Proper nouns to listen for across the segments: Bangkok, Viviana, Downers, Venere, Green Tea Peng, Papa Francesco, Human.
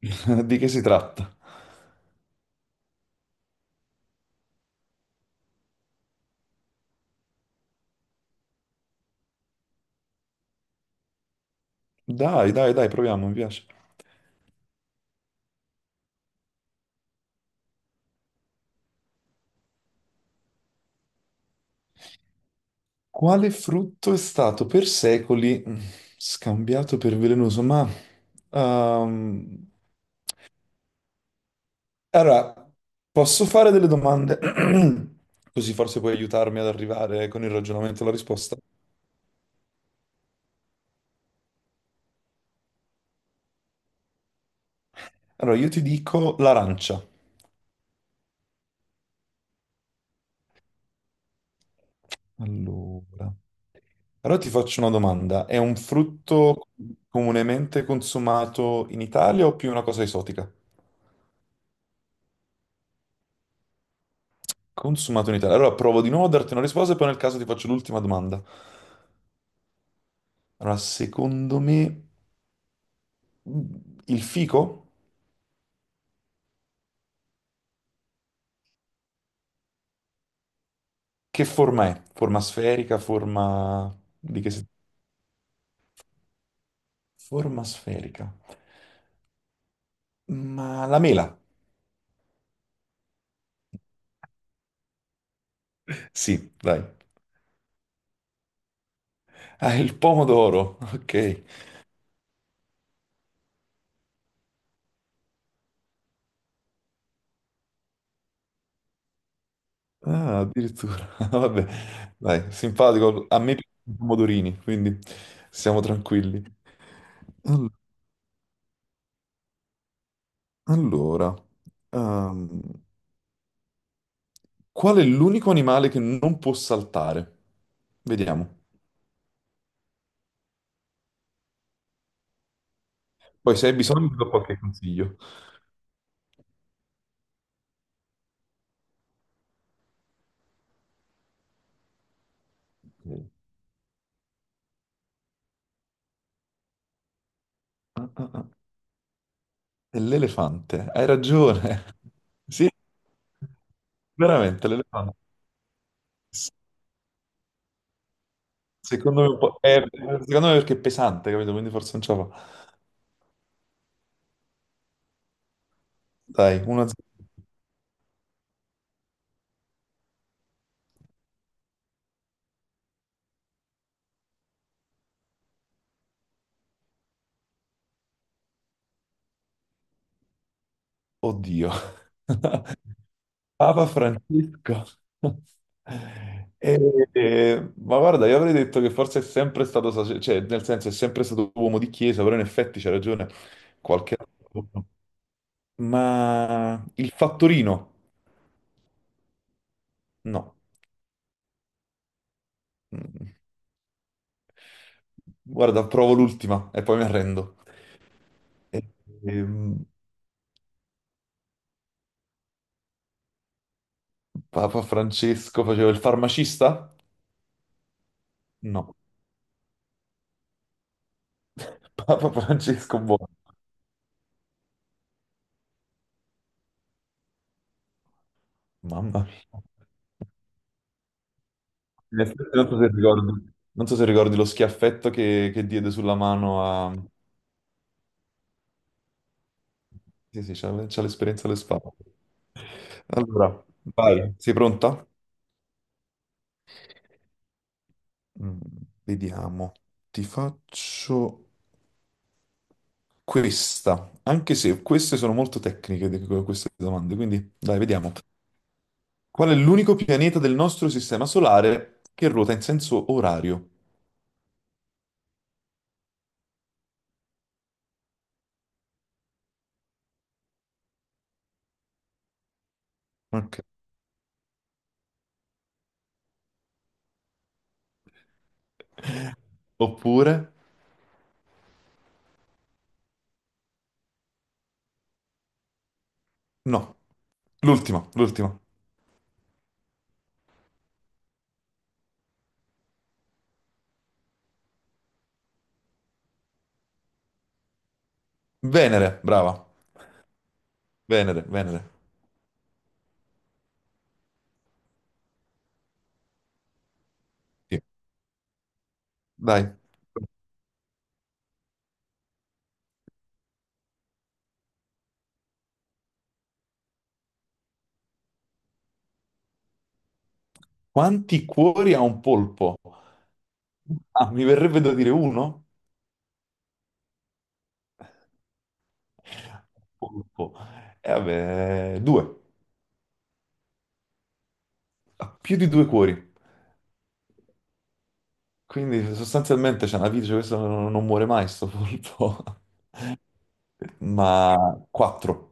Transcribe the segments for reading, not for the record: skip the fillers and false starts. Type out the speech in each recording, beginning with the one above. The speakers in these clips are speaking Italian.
Di che si tratta? Dai, dai, dai, proviamo, mi piace. Quale frutto è stato per secoli scambiato per velenoso? Ma ehm, allora, posso fare delle domande? Così forse puoi aiutarmi ad arrivare con il ragionamento alla risposta. Allora, io ti dico l'arancia. Allora, allora, ti faccio una domanda. È un frutto comunemente consumato in Italia o più una cosa esotica? Consumato in Italia. Allora provo di nuovo a darti una risposta e poi nel caso ti faccio l'ultima domanda. Allora, secondo me il fico. Che forma è? Forma sferica, forma di che si... Forma sferica. Ma la mela? Sì, dai. Ah, il pomodoro. Ok. Ah, addirittura. Vabbè. Dai, simpatico. A me piacciono i pomodorini, quindi siamo tranquilli. All- Allora, ehm, qual è l'unico animale che non può saltare? Vediamo. Poi se hai bisogno ti do qualche consiglio. Ok. Ah, ah, ah. È l'elefante, hai ragione. Sì, veramente l'elefante. S- Secondo me, un po'- è- secondo me perché è pesante, capito? Quindi forse non ce la fa. Dai, una... Oddio. Papa Francesco. E- ma guarda, io avrei detto che forse è sempre stato cioè, nel senso è sempre stato uomo di chiesa, però in effetti c'è ragione qualche altro. Ma il fattorino? No. Mm. Guarda, provo l'ultima e poi mi arrendo. E- ehm, Papa Francesco faceva il farmacista? No. Papa Francesco buono. Mamma mia. In effetti non so se ricordi lo schiaffetto che diede sulla mano a... Sì, sì, c'ha l'esperienza alle spalle. Allora, vai, sei pronta? Mm, Vediamo. Ti faccio questa, anche se queste sono molto tecniche, queste domande, quindi dai, vediamo. Qual è l'unico pianeta del nostro sistema solare che ruota in senso orario? Ok. Oppure... No, l'ultima, l'ultima. Venere, brava. Venere, Venere. Sì. Dai. Quanti cuori ha un polpo? Ah, mi verrebbe da dire uno? Polpo. E vabbè, due. Ha più di due cuori. Quindi sostanzialmente c'è una vita, cioè, questo non muore mai, sto polpo. Ma quattro.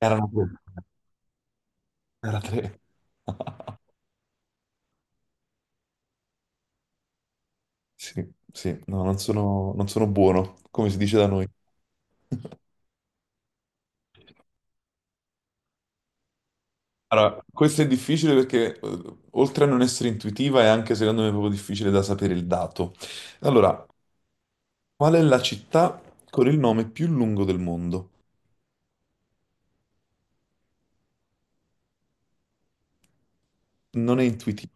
Erano tre. Era tre. Sì, sì, no, non sono buono, come si dice da noi. Allora, questo è difficile perché oltre a non essere intuitiva è anche secondo me proprio difficile da sapere il dato. Allora, qual è la città con il nome più lungo del mondo? Non è intuitivo.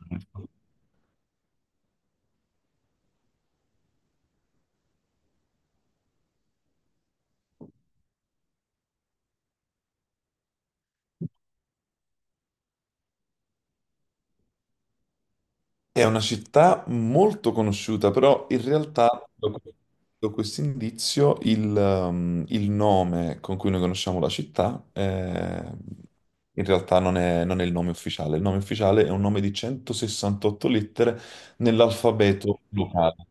È una città molto conosciuta, però in realtà da questo indizio il nome con cui noi conosciamo la città in realtà non è il nome ufficiale. Il nome ufficiale è un nome di 168 lettere nell'alfabeto locale.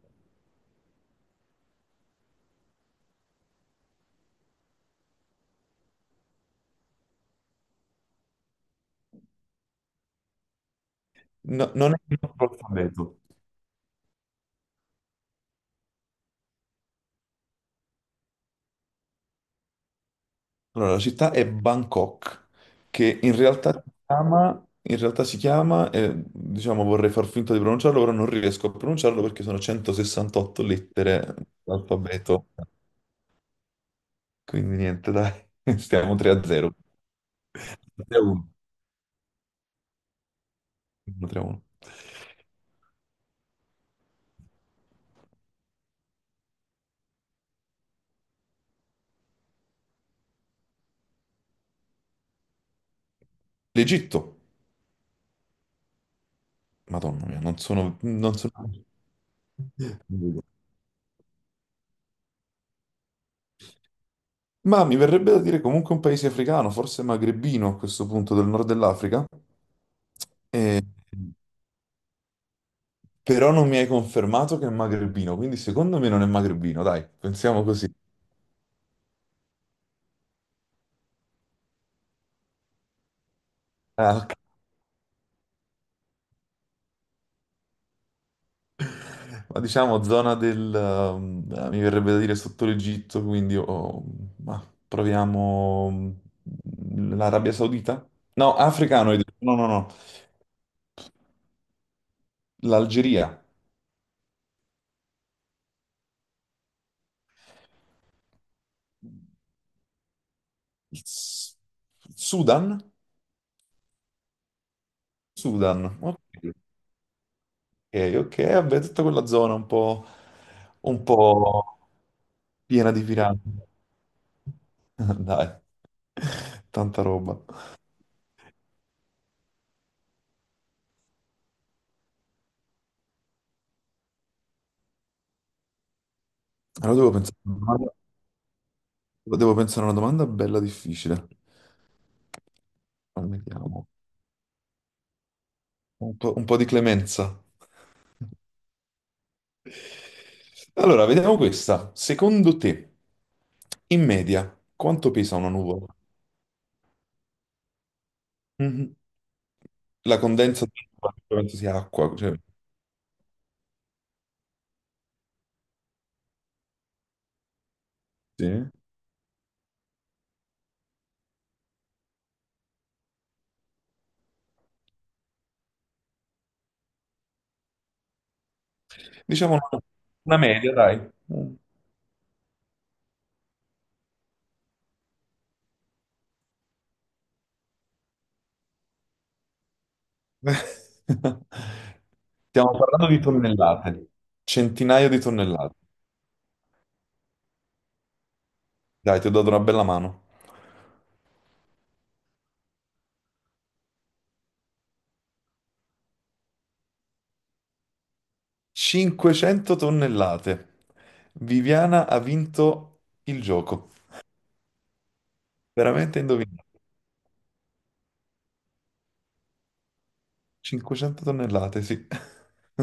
Non è il nostro alfabeto. Allora, la città è Bangkok, che in realtà si chiama, diciamo vorrei far finta di pronunciarlo, però non riesco a pronunciarlo perché sono 168 lettere l'alfabeto. Quindi niente, dai, stiamo 3-0. 3-1. 3-1. L'Egitto, Madonna mia, non sono... Non sono... Ma mi verrebbe da dire comunque un paese africano, forse magrebino a questo punto del nord dell'Africa. E- Però non mi hai confermato che è magrebino, quindi secondo me non è magrebino, dai, pensiamo così. Ah, ok. Ma diciamo zona del... mi verrebbe da dire sotto l'Egitto, quindi oh, ma proviamo l'Arabia Saudita? No, africano, hai detto. No, no, no, l'Algeria, il Sudan? Sudan, ok. Ok, ok, vabbè, tutta quella zona un po' piena di pirati. Dai, tanta roba. Allora devo pensare a una domanda bella difficile. Vediamo. Un po' di clemenza. Allora, vediamo questa. Secondo te, in media, quanto pesa una nuvola? Mhm. La condensa di penso sia acqua, cioè, sì. Diciamo una media, dai. Mm. Stiamo parlando di tonnellate, centinaia di tonnellate. Dai, ti ho dato una bella mano. 500 tonnellate. Viviana ha vinto il gioco. Veramente hai indovinato. 500 tonnellate, sì.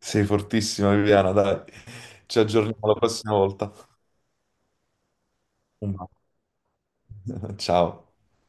Sei fortissima, Viviana, dai. Ci aggiorniamo la prossima volta. Un bacio. Ciao.